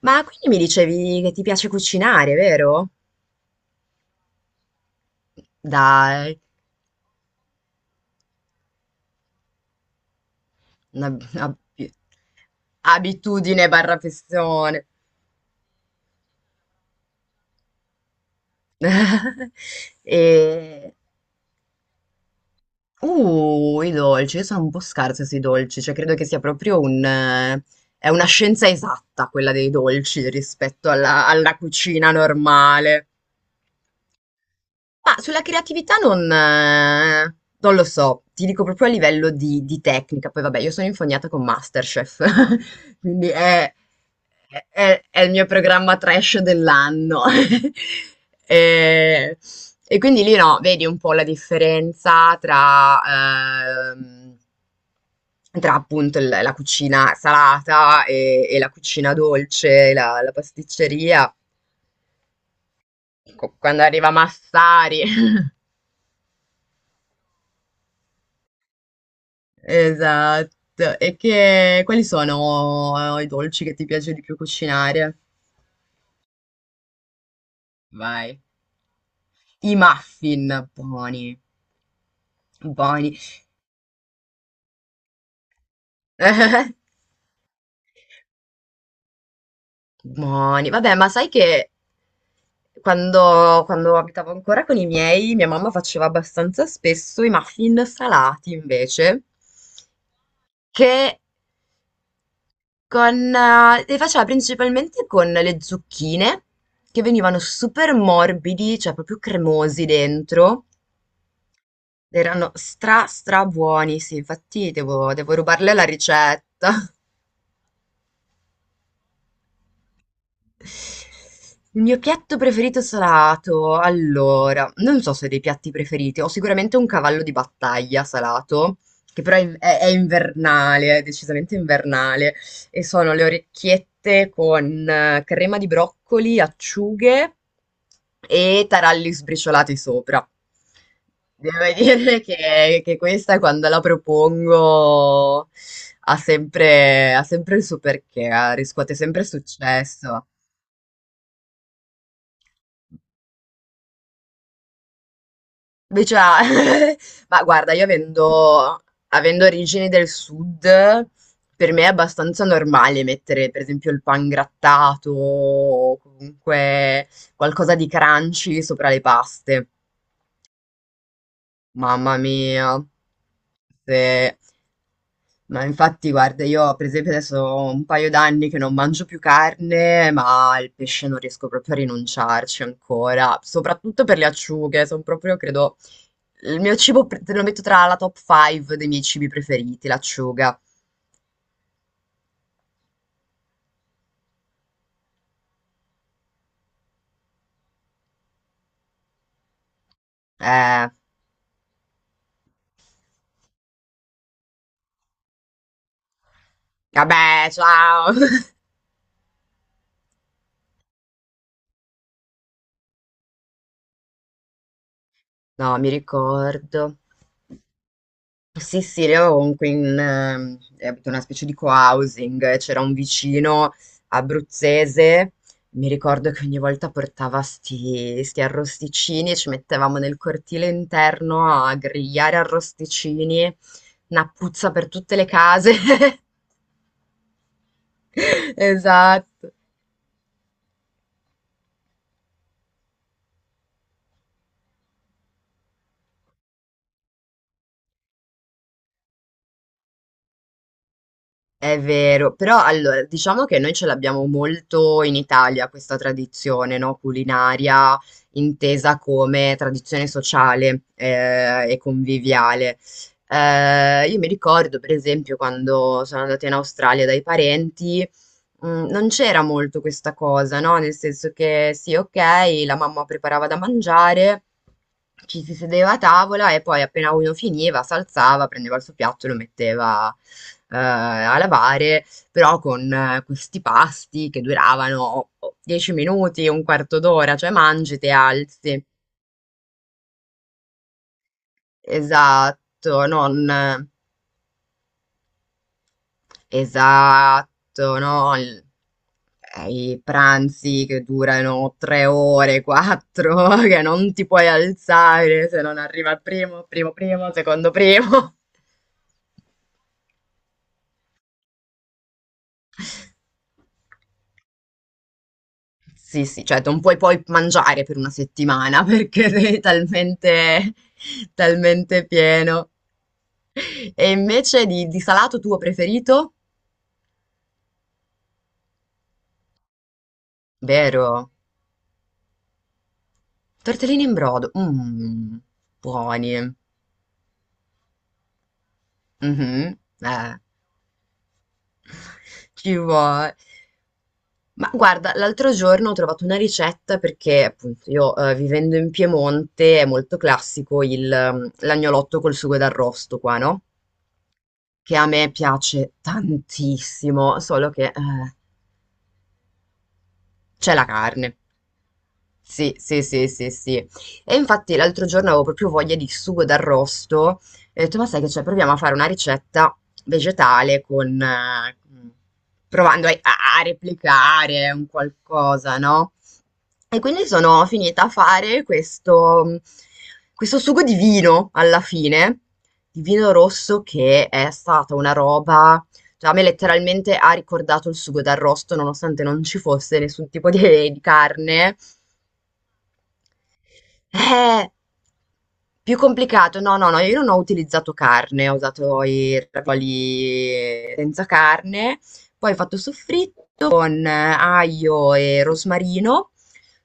Ma quindi mi dicevi che ti piace cucinare, vero? Dai, una, una- abitudine barra passione. E... i dolci, io sono un po' scarsa sui dolci, cioè credo che sia proprio è una scienza esatta quella dei dolci rispetto alla cucina normale. Ma sulla creatività non, non lo so, ti dico proprio a livello di tecnica, poi vabbè, io sono infognata con MasterChef, quindi è, è il mio programma trash dell'anno. E, e quindi lì no, vedi un po' la differenza tra, ehm, tra appunto la cucina salata e la cucina dolce, la, la pasticceria. Quando arriva Massari. Esatto. E che, quali sono i dolci che ti piace di più cucinare? Vai. I muffin, buoni, buoni, buoni. Vabbè, ma sai che quando, quando abitavo ancora con i miei, mia mamma faceva abbastanza spesso i muffin salati invece, che con, li faceva principalmente con le zucchine, che venivano super morbidi, cioè proprio cremosi dentro. Erano stra buoni, sì, infatti devo, devo rubarle la ricetta. Il mio piatto preferito salato, allora, non so se ho dei piatti preferiti, ho sicuramente un cavallo di battaglia salato, che però è, è invernale, è decisamente invernale, e sono le orecchiette con crema di broccoli, acciughe e taralli sbriciolati sopra. Devo dire che questa quando la propongo ha sempre il suo perché, riscuote sempre successo. Beh, già, ma guarda, avendo origini del sud, per me è abbastanza normale mettere, per esempio, il pan grattato o comunque qualcosa di crunchy sopra le paste. Mamma mia. Se... Ma infatti, guarda, io per esempio adesso ho un paio d'anni che non mangio più carne, ma il pesce non riesco proprio a rinunciarci ancora, soprattutto per le acciughe, sono proprio, credo, il mio cibo, te lo metto tra la top 5 dei miei cibi preferiti, l'acciuga. Eh, vabbè, ciao! No, mi ricordo. Sì, sì, qui in, abito in una specie di co-housing, c'era un vicino abruzzese, mi ricordo che ogni volta portava sti, sti arrosticini e ci mettevamo nel cortile interno a grigliare arrosticini, una puzza per tutte le case. Esatto. È vero, però allora diciamo che noi ce l'abbiamo molto in Italia questa tradizione, no? Culinaria intesa come tradizione sociale e conviviale. Io mi ricordo, per esempio, quando sono andata in Australia dai parenti. Mm, non c'era molto questa cosa, no? Nel senso che sì, ok, la mamma preparava da mangiare, ci si sedeva a tavola e poi appena uno finiva, si alzava, prendeva il suo piatto e lo metteva a lavare, però con questi pasti che duravano 10 minuti, un quarto d'ora, cioè mangi, ti alzi. Esatto, non... Esatto, no? I pranzi che durano tre ore, quattro, che non ti puoi alzare se non arriva il primo, primo, secondo primo. Sì, sì, cioè non puoi poi mangiare per una settimana perché sei talmente, talmente pieno. E invece di salato tuo preferito? Vero? Tortellini in brodo. Mmm, buoni. Mhm, eh. Ci vuole. Ma guarda, l'altro giorno ho trovato una ricetta perché appunto io vivendo in Piemonte è molto classico il, l'agnolotto col sugo d'arrosto qua, no? Che a me piace tantissimo, solo che c'è la carne. Sì, sì, sì, sì, sì. E infatti l'altro giorno avevo proprio voglia di sugo d'arrosto e ho detto, ma sai che c'è? Proviamo a fare una ricetta vegetale provando a, a replicare un qualcosa, no? E quindi sono finita a fare questo, questo sugo di vino alla fine, di vino rosso che è stata una roba cioè, a me letteralmente ha ricordato il sugo d'arrosto, nonostante non ci fosse nessun tipo di carne, eh, più complicato. No, no, no, io non ho utilizzato carne, ho usato i ravioli senza carne. Poi ho fatto soffritto con aglio e rosmarino.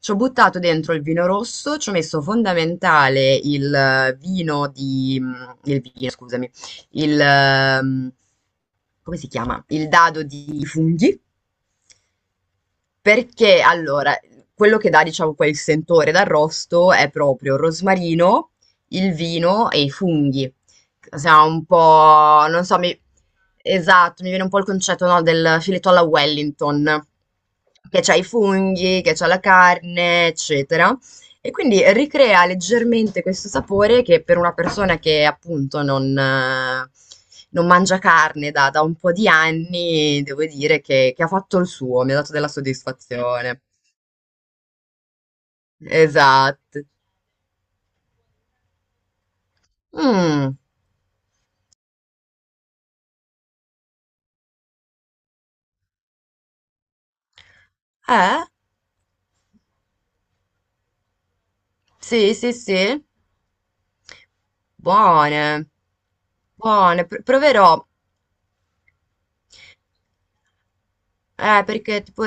Ci ho buttato dentro il vino rosso, ci ho messo fondamentale il vino, scusami, il... ehm, come si chiama? Il dado di funghi. Perché allora, quello che dà, diciamo, quel sentore d'arrosto è proprio il rosmarino, il vino e i funghi. Siamo un po', non so, mi... esatto, mi viene un po' il concetto, no, del filetto alla Wellington, che c'ha i funghi, che c'ha la carne, eccetera. E quindi ricrea leggermente questo sapore che per una persona che appunto non, non mangia carne da, da un po' di anni, devo dire che ha fatto il suo, mi ha dato della soddisfazione. Esatto. Mm. Eh? Sì, sì, sì. Buone. Buone. Proverò. Perché tipo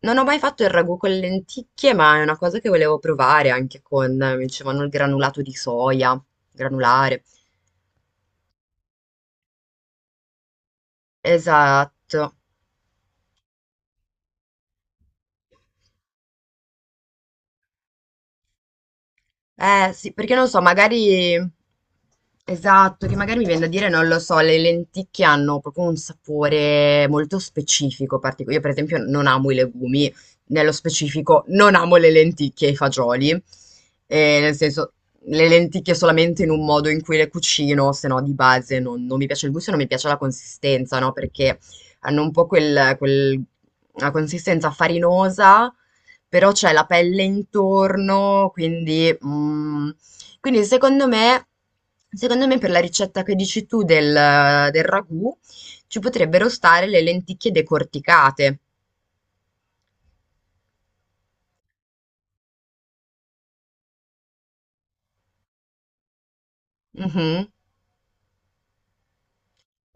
non ho mai fatto il ragù con le lenticchie, ma è una cosa che volevo provare anche con, mi dicevano, il granulato di soia, granulare. Esatto. Eh sì, perché non so, magari... Esatto, che magari mi viene da dire, non lo so, le lenticchie hanno proprio un sapore molto specifico, particolare. Io per esempio non amo i legumi, nello specifico non amo le lenticchie e i fagioli. Nel senso le lenticchie solamente in un modo in cui le cucino, se no di base non, non mi piace il gusto e non mi piace la consistenza, no? Perché hanno un po' una consistenza farinosa però c'è la pelle intorno, quindi mhmm, quindi secondo me per la ricetta che dici tu del ragù ci potrebbero stare le lenticchie decorticate. Mh-mh.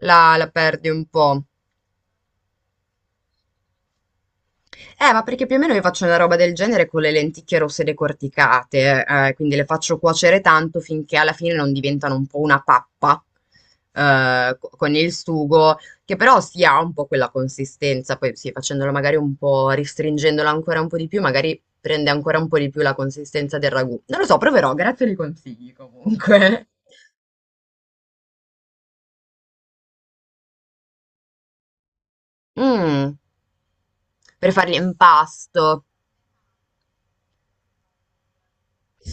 La perdi un po'. Ma perché più o meno io faccio una roba del genere con le lenticchie rosse decorticate, quindi le faccio cuocere tanto finché alla fine non diventano un po' una pappa, con il sugo, che però si ha un po' quella consistenza, poi sì, facendolo magari un po', restringendola ancora un po' di più, magari prende ancora un po' di più la consistenza del ragù. Non lo so, proverò, grazie dei consigli comunque. Mm, per fare l'impasto,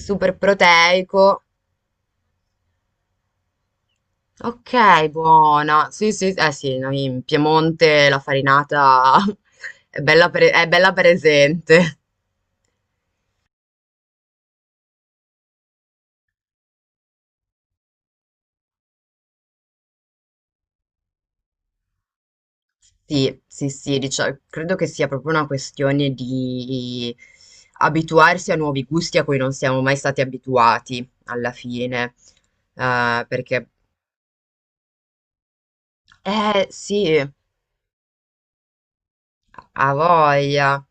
super proteico. Okay, buona. Sì, sì, eh sì, no, in Piemonte la farinata è è bella presente. Sì, sì, sì, credo che sia proprio una questione di abituarsi a nuovi gusti a cui non siamo mai stati abituati alla fine. Perché, eh sì, ha voglia.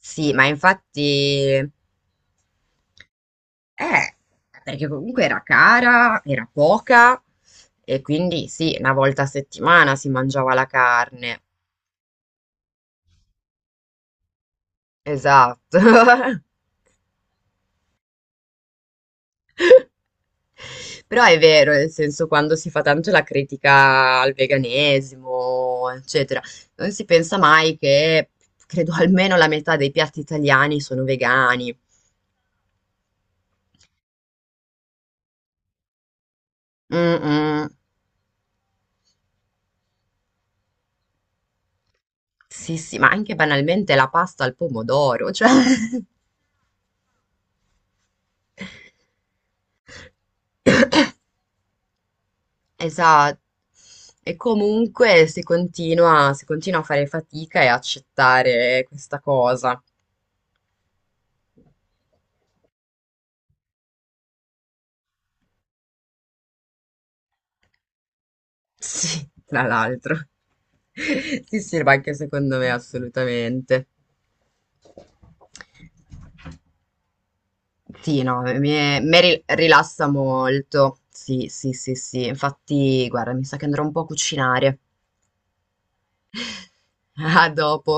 Sì, ma infatti. Eh, perché comunque era cara, era poca e quindi sì, una volta a settimana si mangiava la carne. Esatto. Però è vero, nel senso, quando si fa tanto la critica al veganesimo, eccetera, non si pensa mai che credo almeno la metà dei piatti italiani sono vegani. Mm, mm. Sì, sì, ma anche banalmente la pasta al pomodoro, cioè. Esatto. E comunque si continua a fare fatica e accettare questa cosa. Sì, tra l'altro. Sì, sì, ma anche secondo me assolutamente. Sì, no, mi rilassa molto. Sì, sì, sì, sì. Infatti, guarda, mi sa che andrò un po' a cucinare. A dopo.